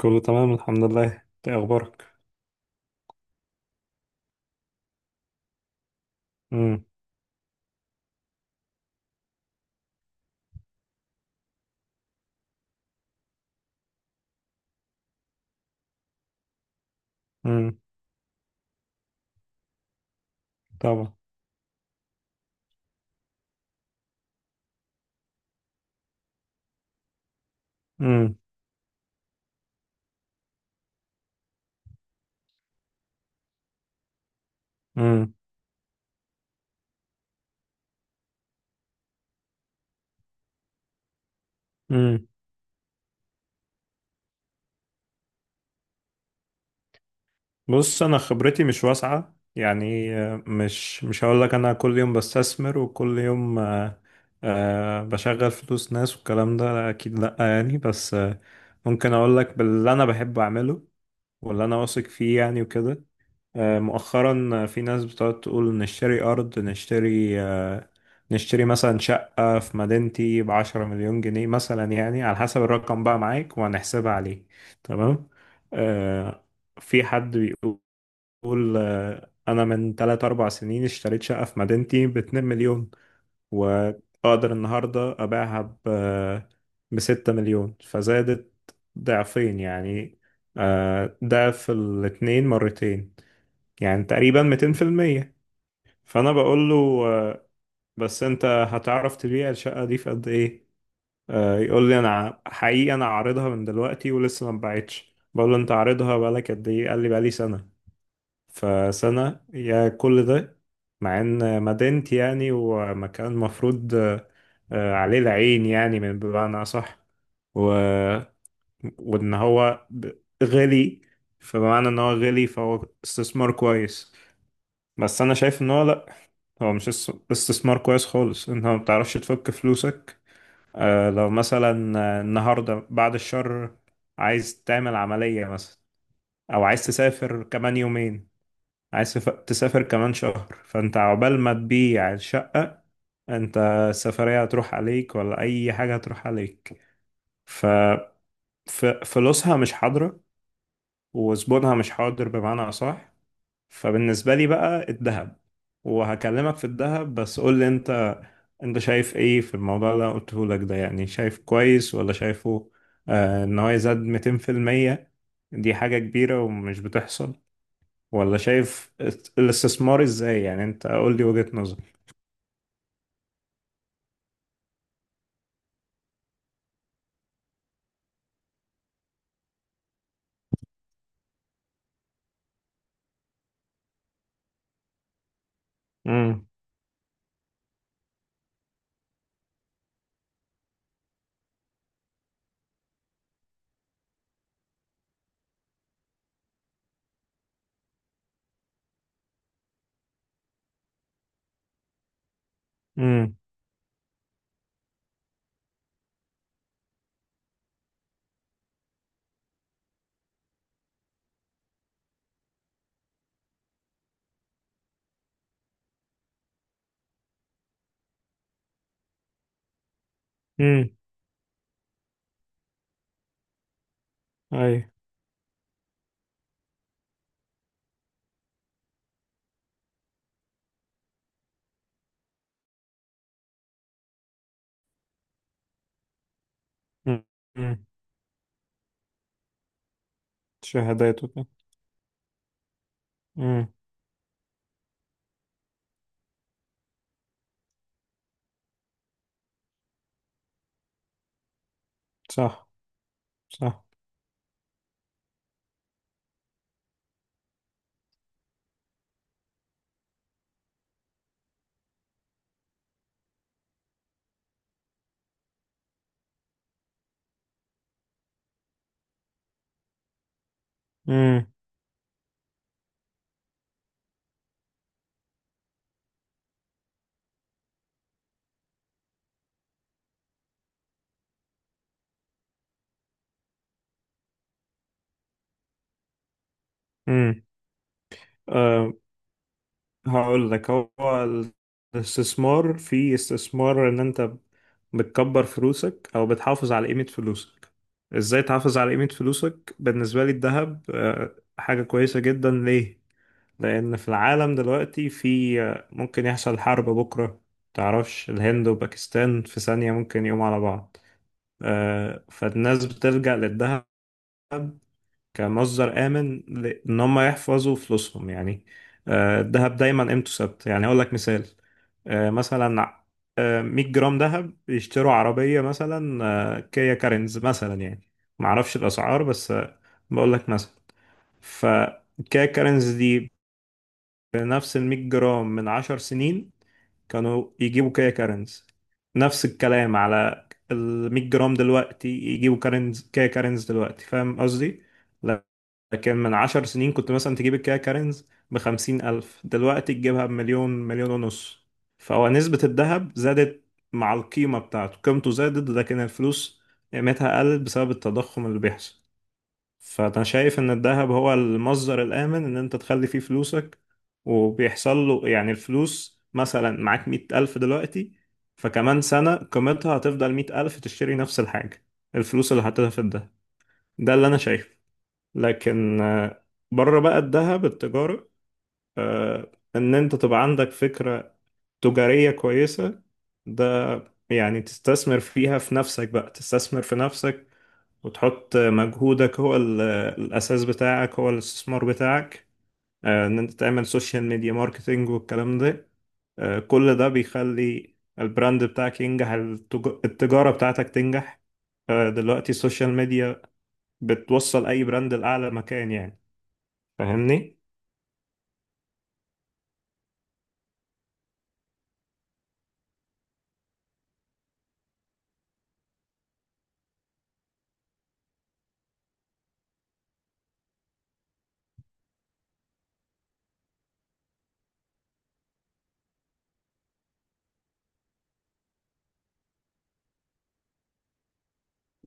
كله تمام الحمد لله. انت ايه اخبارك؟ امم امم طبعا. امم امم امم بص، انا خبرتي مش واسعه يعني. مش هقول لك انا كل يوم بستثمر وكل يوم، بشغل فلوس ناس والكلام ده، اكيد لا يعني. بس آه، ممكن اقول لك باللي انا بحب اعمله واللي انا واثق فيه يعني وكده. مؤخرا في ناس بتقعد تقول نشتري أرض، نشتري نشتري مثلا شقة في مدينتي ب 10 مليون جنيه مثلا، يعني على حسب الرقم بقى معاك وهنحسبها عليه. تمام. آه، في حد بيقول، أنا من تلات أربع سنين اشتريت شقة في مدينتي ب 2 مليون، وأقدر النهاردة أبيعها ب ب 6 مليون. فزادت ضعفين يعني. ضعف الاتنين مرتين، يعني تقريبا 200%. فانا بقول له، آه، بس انت هتعرف تبيع الشقة دي في قد ايه؟ يقول لي انا حقيقي انا عارضها من دلوقتي ولسه ما اتباعتش. بقول له انت عارضها بقالك قد ايه؟ قال لي بقالي سنة. فسنة يا كل ده، مع ان مدينتي يعني ومكان مفروض، عليه العين يعني، من بمعنى اصح. و... وان هو غالي. فبمعنى ان هو غالي فهو استثمار كويس. بس انا شايف ان هو لا، هو مش استثمار كويس خالص. انت ما بتعرفش تفك فلوسك. آه، لو مثلا النهارده بعد الشر عايز تعمل عملية مثلا، او عايز تسافر كمان يومين، عايز تسافر كمان شهر. فانت عقبال ما تبيع الشقة، انت السفرية هتروح عليك، ولا اي حاجة هتروح عليك. ف فلوسها مش حاضرة وزبونها مش حاضر، بمعنى اصح. فبالنسبة لي بقى الذهب، وهكلمك في الذهب، بس قول لي انت، انت شايف ايه في الموضوع اللي انا قلته لك ده؟ يعني شايف كويس ولا شايفه آه ان هو يزاد 200% دي حاجة كبيرة ومش بتحصل؟ ولا شايف الاستثمار ازاي يعني؟ انت قول لي وجهة نظر. امم امم امم اي. امم شهادات وكده. امم صح. صح. امم امم هقول لك، هو الاستثمار، في استثمار ان انت بتكبر فلوسك او بتحافظ على قيمة فلوسك. ازاي تحافظ على قيمة فلوسك؟ بالنسبة لي الذهب حاجة كويسة جدا. ليه؟ لان في العالم دلوقتي في، ممكن يحصل حرب بكرة. تعرفش الهند وباكستان في ثانية ممكن يقوموا على بعض. فالناس بتلجأ للذهب كمصدر آمن إن هم يحفظوا فلوسهم يعني. الذهب دايما قيمته ثابتة. يعني أقول لك مثال، مثلا، 100 جرام ذهب يشتروا عربية مثلا، كيا كارينز مثلا يعني. معرفش الأسعار بس آه، بقول لك مثلا. فكيا كارينز دي بنفس ال 100 جرام من 10 سنين، كانوا يجيبوا كيا كارنز. نفس الكلام على ال 100 جرام دلوقتي، يجيبوا كارنز، كيا كارنز دلوقتي. فاهم قصدي؟ لا- لكن من 10 سنين كنت مثلا تجيب الكيا كارنز ب 50 ألف، دلوقتي تجيبها بمليون، مليون ونص. فهو نسبة الذهب زادت مع القيمة بتاعته، قيمته زادت، لكن الفلوس قيمتها قلت بسبب التضخم اللي بيحصل. فانا شايف ان الذهب هو المصدر الامن ان انت تخلي فيه فلوسك. وبيحصل له يعني، الفلوس مثلا معاك 100 الف دلوقتي، فكمان سنة قيمتها هتفضل 100 الف، تشتري نفس الحاجة الفلوس اللي حطيتها في الدهب. ده اللي انا شايفه. لكن بره بقى الذهب، التجارة، ان انت تبقى عندك فكرة تجارية كويسة، ده يعني تستثمر فيها في نفسك. بقى تستثمر في نفسك وتحط مجهودك، هو الأساس بتاعك هو الاستثمار بتاعك. إن أنت تعمل سوشيال ميديا ماركتينج والكلام ده، كل ده بيخلي البراند بتاعك ينجح، التجارة بتاعتك تنجح. دلوقتي السوشيال ميديا بتوصل أي براند لأعلى مكان يعني. فاهمني؟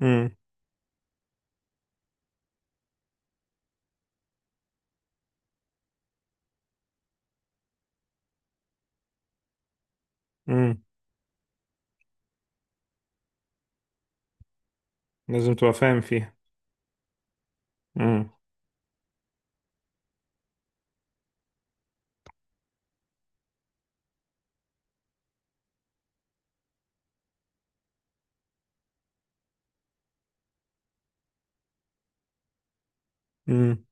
امم امم لازم تبقى فاهم فيها. امم امم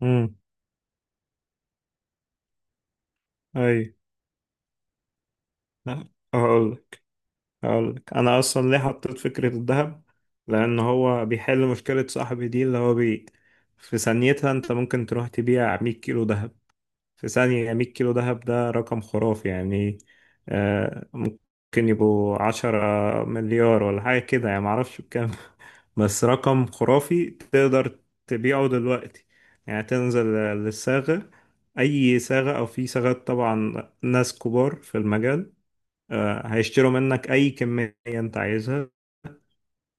امم أي. هقول، هقول لك، انا اصلا ليه حطيت فكره الذهب؟ لان هو بيحل مشكله صاحبي دي اللي هو بي. في ثانيتها انت ممكن تروح تبيع 100 كيلو ذهب. في ثانيه، 100 كيلو ذهب ده رقم خرافي يعني. آه، ممكن يبقوا 10 مليار ولا حاجه كده يعني، معرفش بكام. بس رقم خرافي تقدر تبيعه دلوقتي. يعني تنزل للصاغه، اي صاغه، او في صاغات طبعا، ناس كبار في المجال، هيشتروا منك أي كمية أنت عايزها،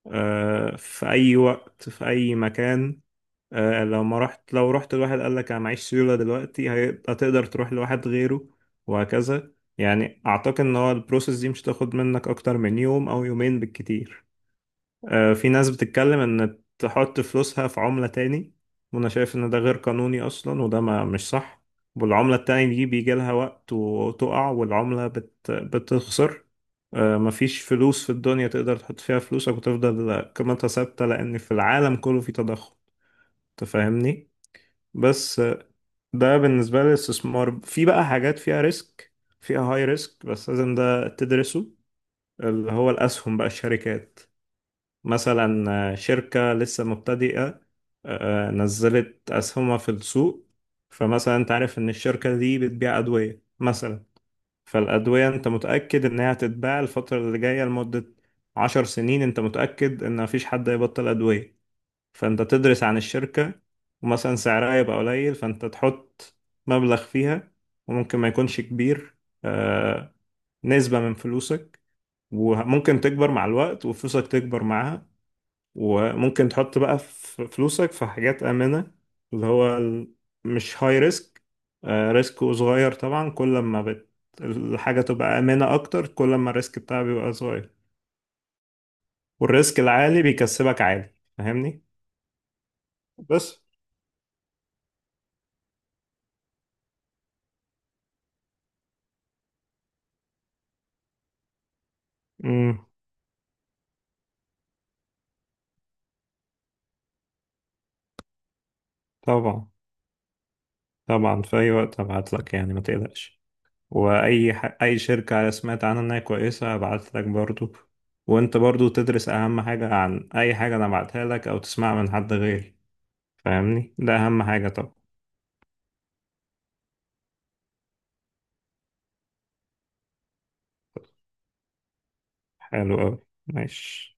في أي وقت في أي مكان. لو ما رحت، لو رحت لواحد قال لك أنا معيش سيولة دلوقتي، هتقدر تروح لواحد غيره، وهكذا. يعني أعتقد إن هو البروسيس دي مش تاخد منك أكتر من يوم أو يومين بالكتير. في ناس بتتكلم ان تحط فلوسها في عملة تاني، وانا شايف ان ده غير قانوني اصلا، وده ما مش صح. والعملة التانية دي بيجي لها وقت وتقع، والعملة بتخسر. مفيش فلوس في الدنيا تقدر تحط فيها فلوسك وتفضل قيمتها ثابتة، لان في العالم كله في تضخم. تفهمني؟ بس آه، ده بالنسبة للاستثمار. في بقى حاجات فيها ريسك، فيها هاي ريسك، بس لازم ده تدرسه، اللي هو الأسهم بقى، الشركات. مثلا شركة لسه مبتدئة، نزلت أسهمها في السوق. فمثلا أنت عارف إن الشركة دي بتبيع أدوية مثلا، فالأدوية أنت متأكد إنها هتتباع الفترة اللي جاية لمدة 10 سنين، أنت متأكد إن مفيش حد هيبطل أدوية. فأنت تدرس عن الشركة، ومثلا سعرها يبقى قليل، فأنت تحط مبلغ فيها، وممكن ما يكونش كبير، آه، نسبة من فلوسك، وممكن تكبر مع الوقت وفلوسك تكبر معاها. وممكن تحط بقى فلوسك في حاجات آمنة، اللي هو مش هاي ريسك، ريسك صغير. طبعا كل ما الحاجة تبقى آمنة أكتر، كل ما الريسك بتاعها بيبقى صغير. والريسك العالي بيكسبك عالي. فاهمني؟ بس. امم طبعا. طبعا، في أي وقت هبعت لك يعني، ما تقلقش. أي شركة سمعت عنها إنها كويسة هبعت لك برضو. وأنت برضو تدرس أهم حاجة عن أي حاجة أنا بعتها لك أو تسمعها من حد غيري. فاهمني؟ ده اهم حاجة طبعا. حلو قوي. ماشي.